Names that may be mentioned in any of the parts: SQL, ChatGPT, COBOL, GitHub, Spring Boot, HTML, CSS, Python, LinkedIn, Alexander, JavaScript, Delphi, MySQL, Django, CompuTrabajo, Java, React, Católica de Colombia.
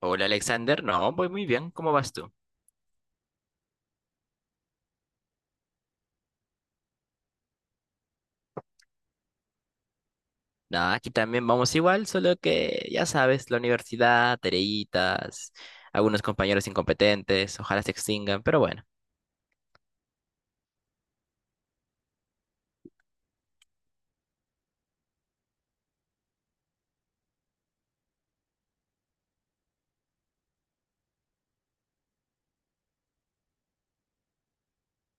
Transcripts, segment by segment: Hola Alexander, no, voy muy bien, ¿cómo vas tú? Nada, aquí también vamos igual, solo que ya sabes, la universidad, tareitas, algunos compañeros incompetentes, ojalá se extingan, pero bueno.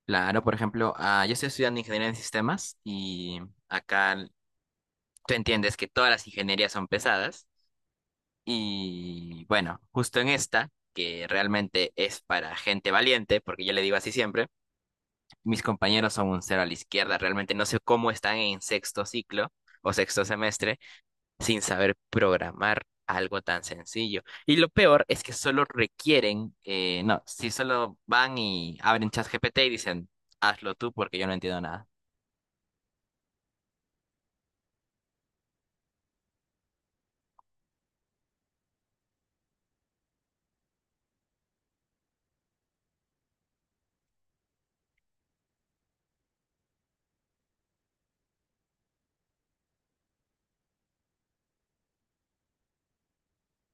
Claro, por ejemplo, yo estoy estudiando ingeniería en sistemas y acá l- tú entiendes que todas las ingenierías son pesadas y bueno, justo en esta, que realmente es para gente valiente, porque yo le digo así siempre, mis compañeros son un cero a la izquierda, realmente no sé cómo están en sexto ciclo o sexto semestre sin saber programar algo tan sencillo. Y lo peor es que solo requieren, no, si solo van y abren ChatGPT y dicen, hazlo tú porque yo no entiendo nada.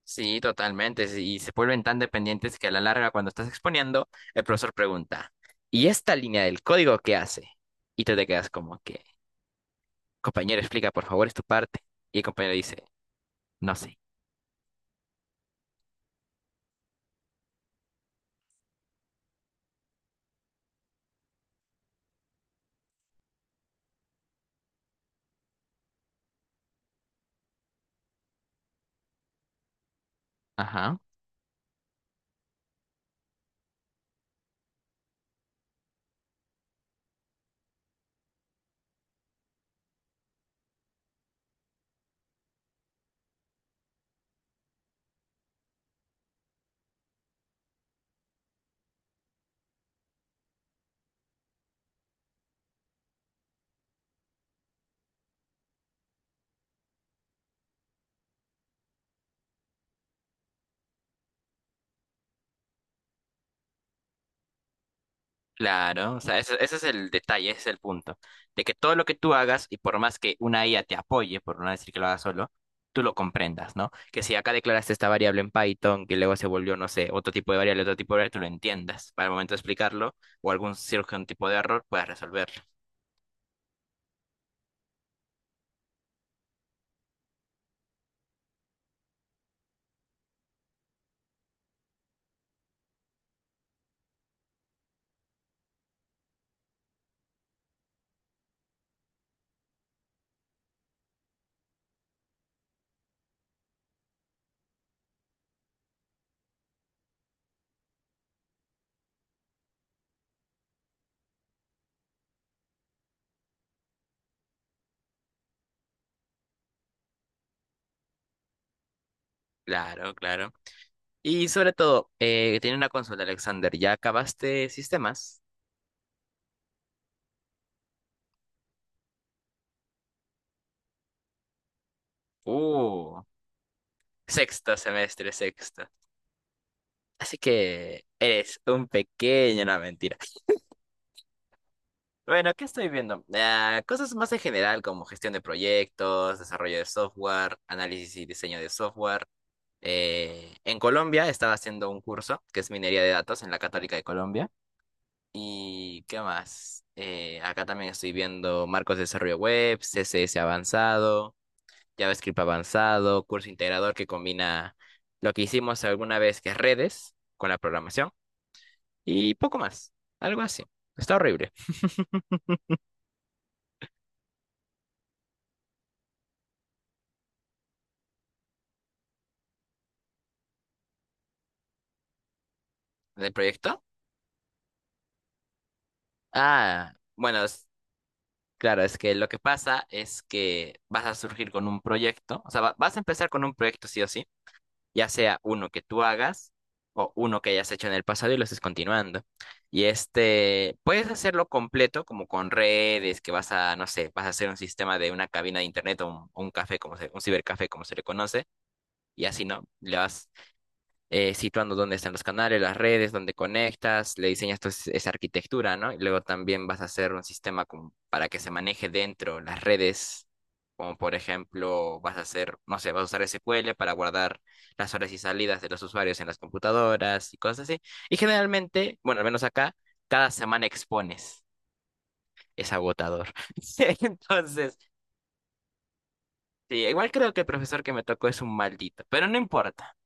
Sí, totalmente. Sí, y se vuelven tan dependientes que a la larga, cuando estás exponiendo, el profesor pregunta, ¿y esta línea del código qué hace? Y tú te quedas como que, compañero, explica, por favor, es tu parte. Y el compañero dice, no sé. Ajá. Claro, o sea, ese es el detalle, ese es el punto, de que todo lo que tú hagas, y por más que una IA te apoye, por no decir que lo hagas solo, tú lo comprendas, ¿no? Que si acá declaraste esta variable en Python, que luego se volvió, no sé, otro tipo de variable, tú lo entiendas para el momento de explicarlo, o algún cierto tipo de error, puedas resolverlo. Claro, claro. Y sobre todo, tiene una consulta, Alexander, ¿ya acabaste sistemas? Uh, sexto semestre, sexto. Así que eres un pequeño, no, mentira. Bueno, ¿qué estoy viendo? Cosas más en general como gestión de proyectos, desarrollo de software, análisis y diseño de software. En Colombia estaba haciendo un curso que es minería de datos en la Católica de Colombia. ¿Y qué más? Acá también estoy viendo marcos de desarrollo web, CSS avanzado, JavaScript avanzado, curso integrador que combina lo que hicimos alguna vez que es redes con la programación y poco más. Algo así. Está horrible. ¿El proyecto? Bueno. Claro, es que lo que pasa es que vas a surgir con un proyecto, o sea, vas a empezar con un proyecto sí o sí, ya sea uno que tú hagas o uno que hayas hecho en el pasado y lo estés continuando. Y este, puedes hacerlo completo, como con redes, que vas a, no sé, vas a hacer un sistema de una cabina de internet o un café, como se, un cibercafé, como se le conoce, y así, ¿no? Le vas situando dónde están los canales, las redes, dónde conectas, le diseñas toda esa arquitectura, ¿no? Y luego también vas a hacer un sistema como para que se maneje dentro las redes, como por ejemplo, vas a hacer, no sé, vas a usar SQL para guardar las horas y salidas de los usuarios en las computadoras y cosas así. Y generalmente, bueno, al menos acá, cada semana expones. Es agotador. Entonces, sí, igual creo que el profesor que me tocó es un maldito, pero no importa.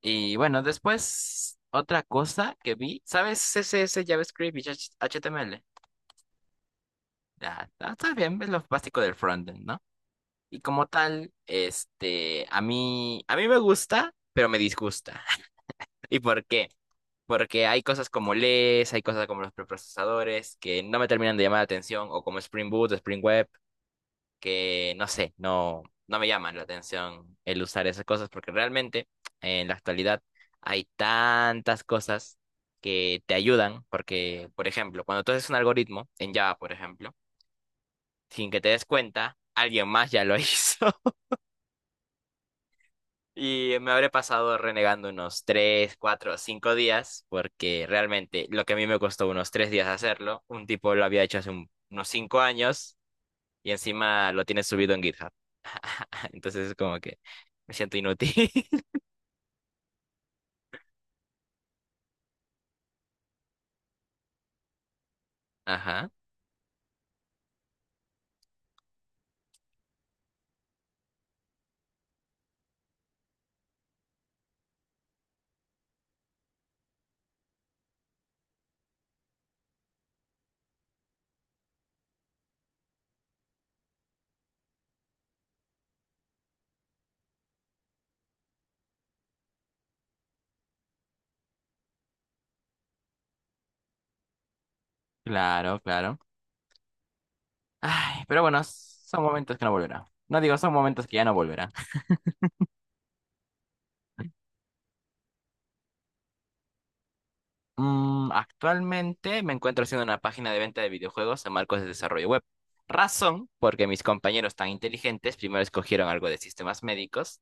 Y bueno, después otra cosa que vi, ¿sabes? CSS, JavaScript y HTML. Ya, está bien, es lo básico del frontend, ¿no? Y como tal, este, a mí me gusta, pero me disgusta. ¿Y por qué? Porque hay cosas como LES, hay cosas como los preprocesadores que no me terminan de llamar la atención, o como Spring Boot, Spring Web, que no sé, no me llaman la atención el usar esas cosas porque realmente en la actualidad hay tantas cosas que te ayudan porque, por ejemplo, cuando tú haces un algoritmo en Java, por ejemplo, sin que te des cuenta, alguien más ya lo hizo y me habré pasado renegando unos 3 4 5 días porque realmente lo que a mí me costó unos 3 días hacerlo, un tipo lo había hecho hace unos 5 años y encima lo tienes subido en GitHub. Entonces es como que me siento inútil. Ajá, claro, claro. Ay, pero bueno, son momentos que no volverá. No digo, son momentos que ya no volverá. Actualmente me encuentro haciendo una página de venta de videojuegos en marcos de desarrollo web. Razón, porque mis compañeros tan inteligentes primero escogieron algo de sistemas médicos,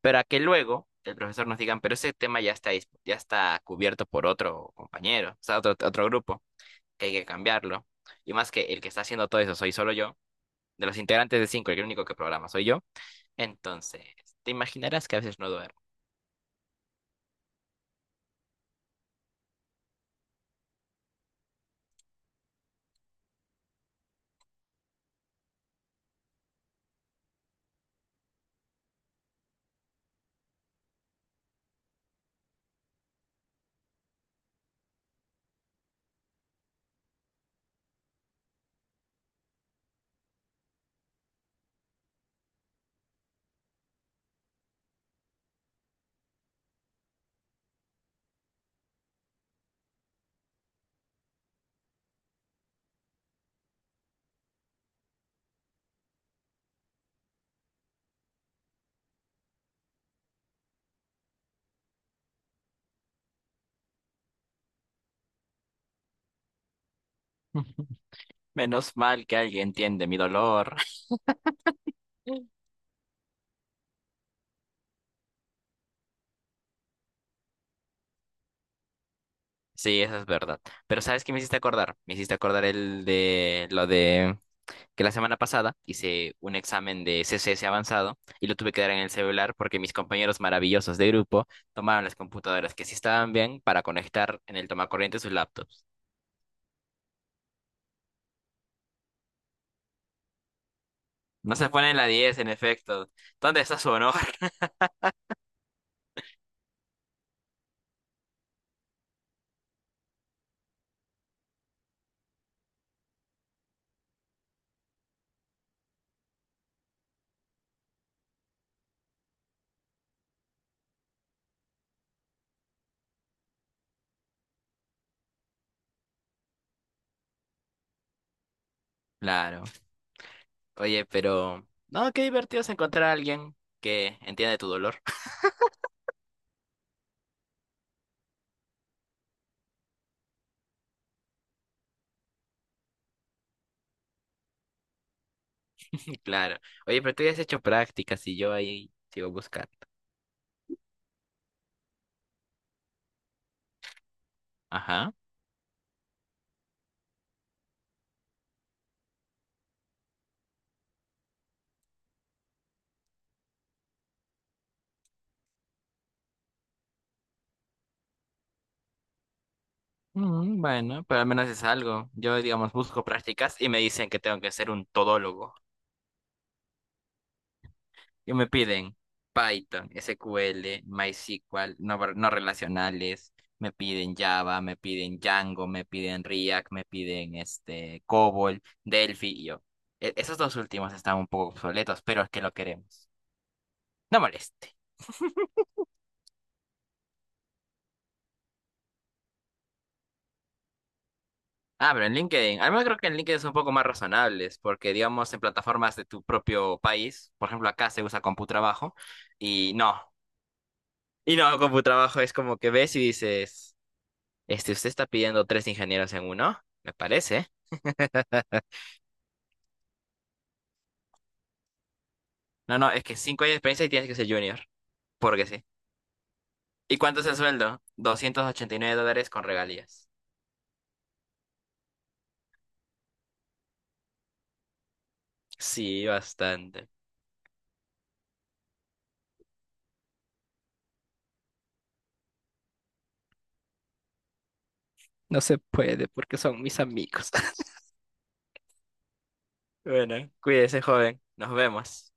pero a que luego el profesor nos digan, pero ese tema ya está, ya está cubierto por otro compañero, o sea, otro grupo, que hay que cambiarlo. Y más que el que está haciendo todo eso soy solo yo. De los integrantes de cinco, el único que programa soy yo. Entonces, te imaginarás que a veces no duermo. Menos mal que alguien entiende mi dolor. Sí, eso es verdad. Pero ¿sabes qué me hiciste acordar? Me hiciste acordar el de lo de que la semana pasada hice un examen de CSS avanzado y lo tuve que dar en el celular porque mis compañeros maravillosos de grupo tomaron las computadoras que sí estaban bien para conectar en el tomacorriente sus laptops. No se pone en la 10 en efecto. ¿Dónde está su honor? Claro. Oye, pero... No, qué divertido es encontrar a alguien que entiende tu dolor. Claro. Oye, pero tú ya has hecho prácticas y yo ahí sigo buscando. Ajá. Bueno, pero al menos es algo. Yo, digamos, busco prácticas y me dicen que tengo que ser un todólogo. Y me piden Python, SQL, MySQL, no, no relacionales, me piden Java, me piden Django, me piden React, me piden este COBOL, Delphi y yo. Esos dos últimos están un poco obsoletos, pero es que lo queremos. No moleste. Ah, pero en LinkedIn, al menos creo que en LinkedIn son un poco más razonables, porque digamos en plataformas de tu propio país, por ejemplo acá se usa CompuTrabajo, y no, y no, CompuTrabajo es como que ves y dices... Este, usted está pidiendo tres ingenieros en uno, me parece. No, no, es que 5 años de experiencia y tienes que ser junior, porque sí. ¿Y cuánto es el sueldo? $289 con regalías. Sí, bastante. No se puede porque son mis amigos. Bueno, cuídese, joven. Nos vemos.